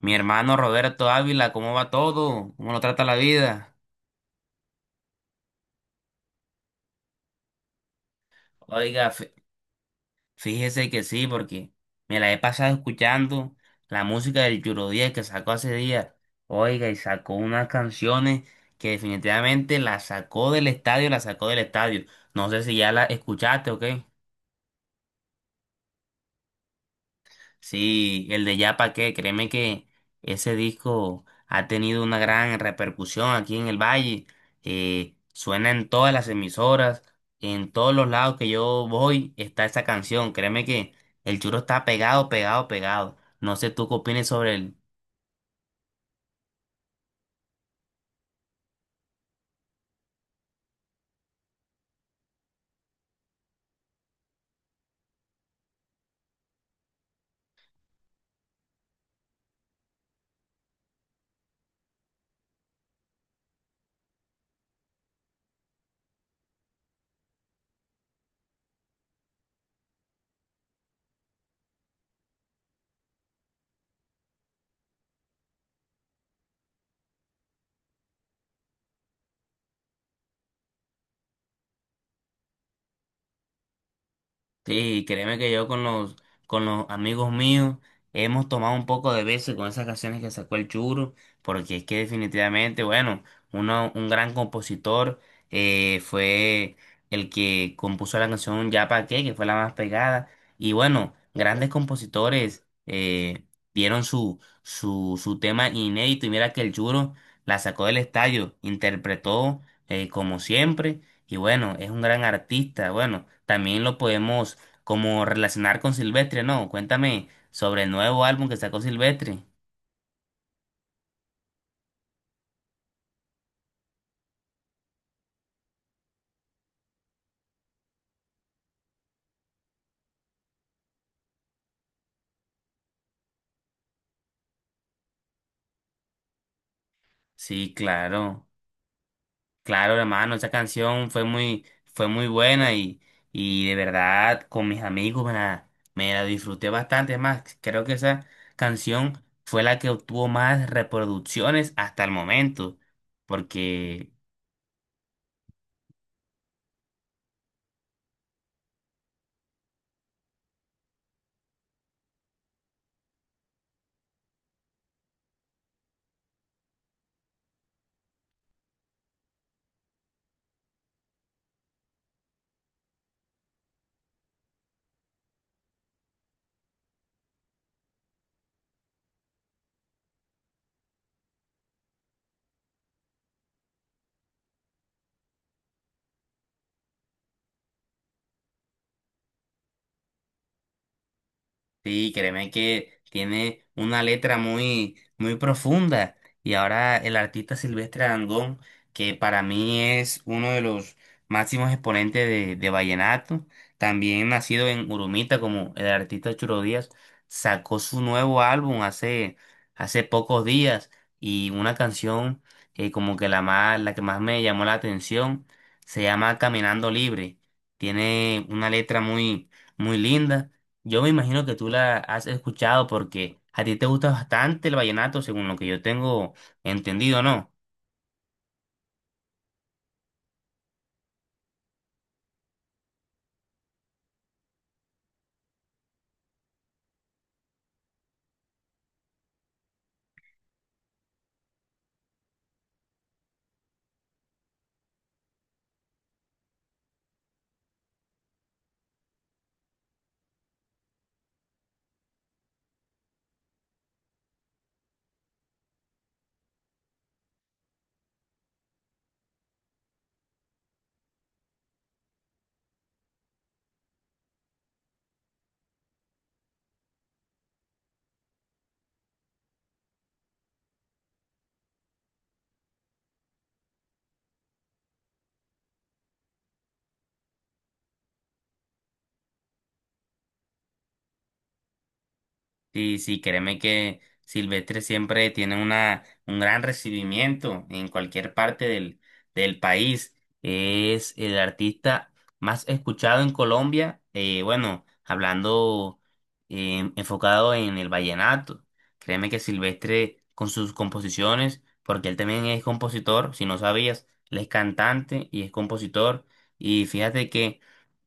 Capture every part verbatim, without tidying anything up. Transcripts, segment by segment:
Mi hermano Roberto Ávila, ¿cómo va todo? ¿Cómo lo trata la vida? Oiga, fí- fíjese que sí, porque me la he pasado escuchando la música del Yuro Diez que sacó hace días. Oiga, y sacó unas canciones que definitivamente la sacó del estadio, la sacó del estadio. No sé si ya la escuchaste o qué. Sí, el de Ya Pa' Qué, créeme que ese disco ha tenido una gran repercusión aquí en el Valle. Eh, suena en todas las emisoras, en todos los lados que yo voy está esa canción. Créeme que el churro está pegado, pegado, pegado. No sé tú qué opinas sobre el. Sí, créeme que yo con los, con los amigos míos hemos tomado un poco de veces con esas canciones que sacó el Churo, porque es que definitivamente, bueno, uno, un gran compositor eh, fue el que compuso la canción Ya Pa' Qué, que fue la más pegada, y bueno, grandes compositores eh, dieron su, su, su tema inédito, y mira que el Churo la sacó del estadio, interpretó eh, como siempre, y bueno, es un gran artista, bueno, también lo podemos como relacionar con Silvestre, ¿no? Cuéntame sobre el nuevo álbum que sacó Silvestre. Sí, claro, claro, hermano, esa canción fue muy, fue muy buena y, y de verdad con mis amigos me la, me la disfruté bastante. Es más, creo que esa canción fue la que obtuvo más reproducciones hasta el momento, porque sí, créeme que tiene una letra muy, muy profunda. Y ahora el artista Silvestre Dangond, que para mí es uno de los máximos exponentes de, de vallenato, también nacido en Urumita como el artista Churo Díaz, sacó su nuevo álbum hace, hace pocos días y una canción que como que la más, la que más me llamó la atención se llama Caminando Libre. Tiene una letra muy, muy linda. Yo me imagino que tú la has escuchado porque a ti te gusta bastante el vallenato, según lo que yo tengo entendido, ¿no? Sí, sí, créeme que Silvestre siempre tiene una, un gran recibimiento en cualquier parte del, del país. Es el artista más escuchado en Colombia, eh, bueno, hablando, eh, enfocado en el vallenato. Créeme que Silvestre con sus composiciones, porque él también es compositor, si no sabías, él es cantante y es compositor. Y fíjate que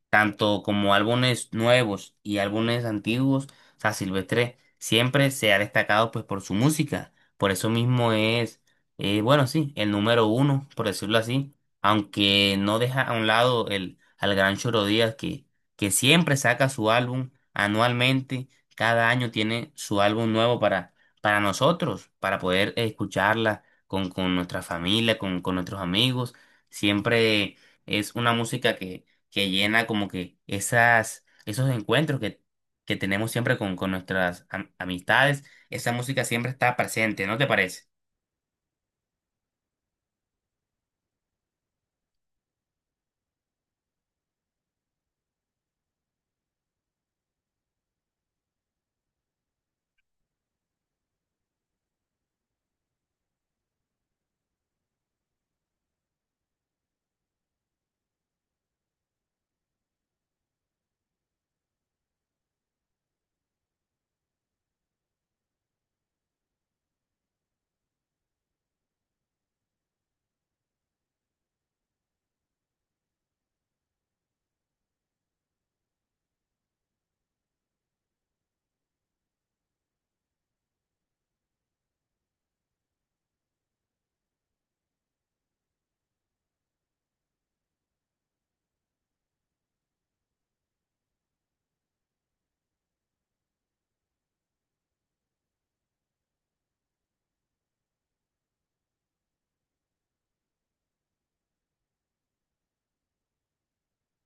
tanto como álbumes nuevos y álbumes antiguos, o sea, Silvestre siempre se ha destacado pues por su música, por eso mismo es, eh, bueno, sí, el número uno, por decirlo así, aunque no deja a un lado el, al gran Choro Díaz que, que siempre saca su álbum anualmente, cada año tiene su álbum nuevo para, para nosotros, para poder escucharla con, con nuestra familia, con, con nuestros amigos, siempre es una música que llena como que esas, esos encuentros que, que tenemos siempre con, con nuestras am- amistades. Esa música siempre está presente, ¿no te parece?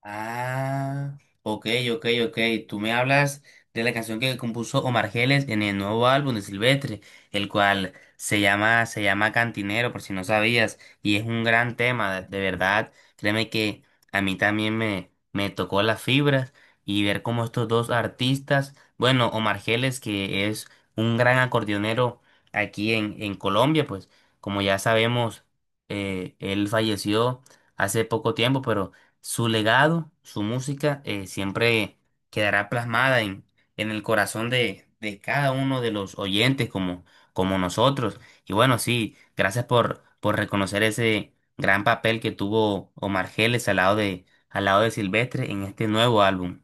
Ah, ok, ok, ok. Tú me hablas de la canción que compuso Omar Geles en el nuevo álbum de Silvestre, el cual se llama, se llama Cantinero, por si no sabías, y es un gran tema, de de verdad. Créeme que a mí también me, me tocó las fibras y ver cómo estos dos artistas, bueno, Omar Geles, que es un gran acordeonero aquí en, en Colombia, pues como ya sabemos, eh, él falleció hace poco tiempo, pero su legado, su música, eh, siempre quedará plasmada en, en el corazón de, de cada uno de los oyentes como, como nosotros. Y bueno, sí, gracias por, por reconocer ese gran papel que tuvo Omar Geles al lado de, al lado de Silvestre en este nuevo álbum.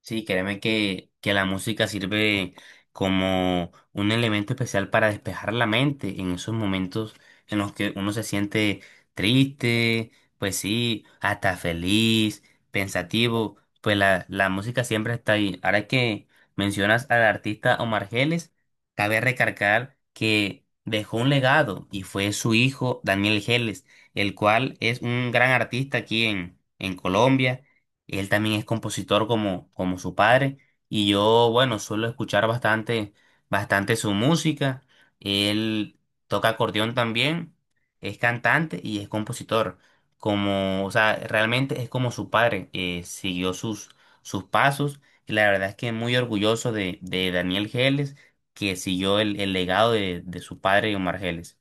Sí, créeme que, que la música sirve como un elemento especial para despejar la mente en esos momentos en los que uno se siente triste, pues sí, hasta feliz, pensativo, pues la, la música siempre está ahí. Ahora que mencionas al artista Omar Geles, cabe recargar que dejó un legado y fue su hijo Daniel Geles, el cual es un gran artista aquí en, en Colombia y él también es compositor como, como su padre. Y yo, bueno, suelo escuchar bastante, bastante su música. Él toca acordeón también, es cantante y es compositor. Como, o sea, realmente es como su padre, eh, siguió sus, sus pasos. Y la verdad es que muy orgulloso de, de Daniel Geles, que siguió el, el legado de, de su padre, Omar Geles.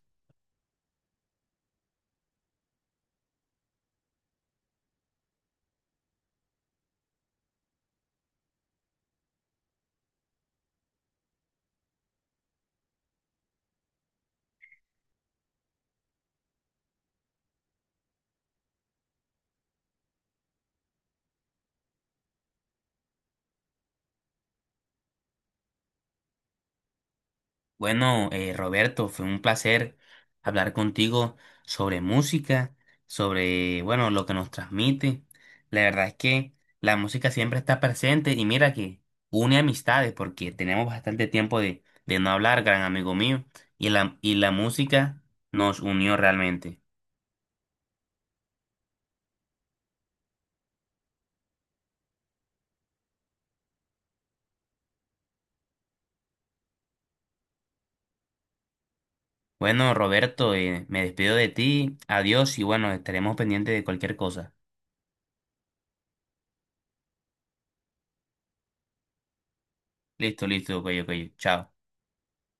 Bueno, eh, Roberto, fue un placer hablar contigo sobre música, sobre, bueno, lo que nos transmite. La verdad es que la música siempre está presente y mira que une amistades porque tenemos bastante tiempo de, de no hablar, gran amigo mío, y la, y la música nos unió realmente. Bueno, Roberto, eh, me despido de ti, adiós y bueno, estaremos pendientes de cualquier cosa. Listo, listo, ok, ok, chao.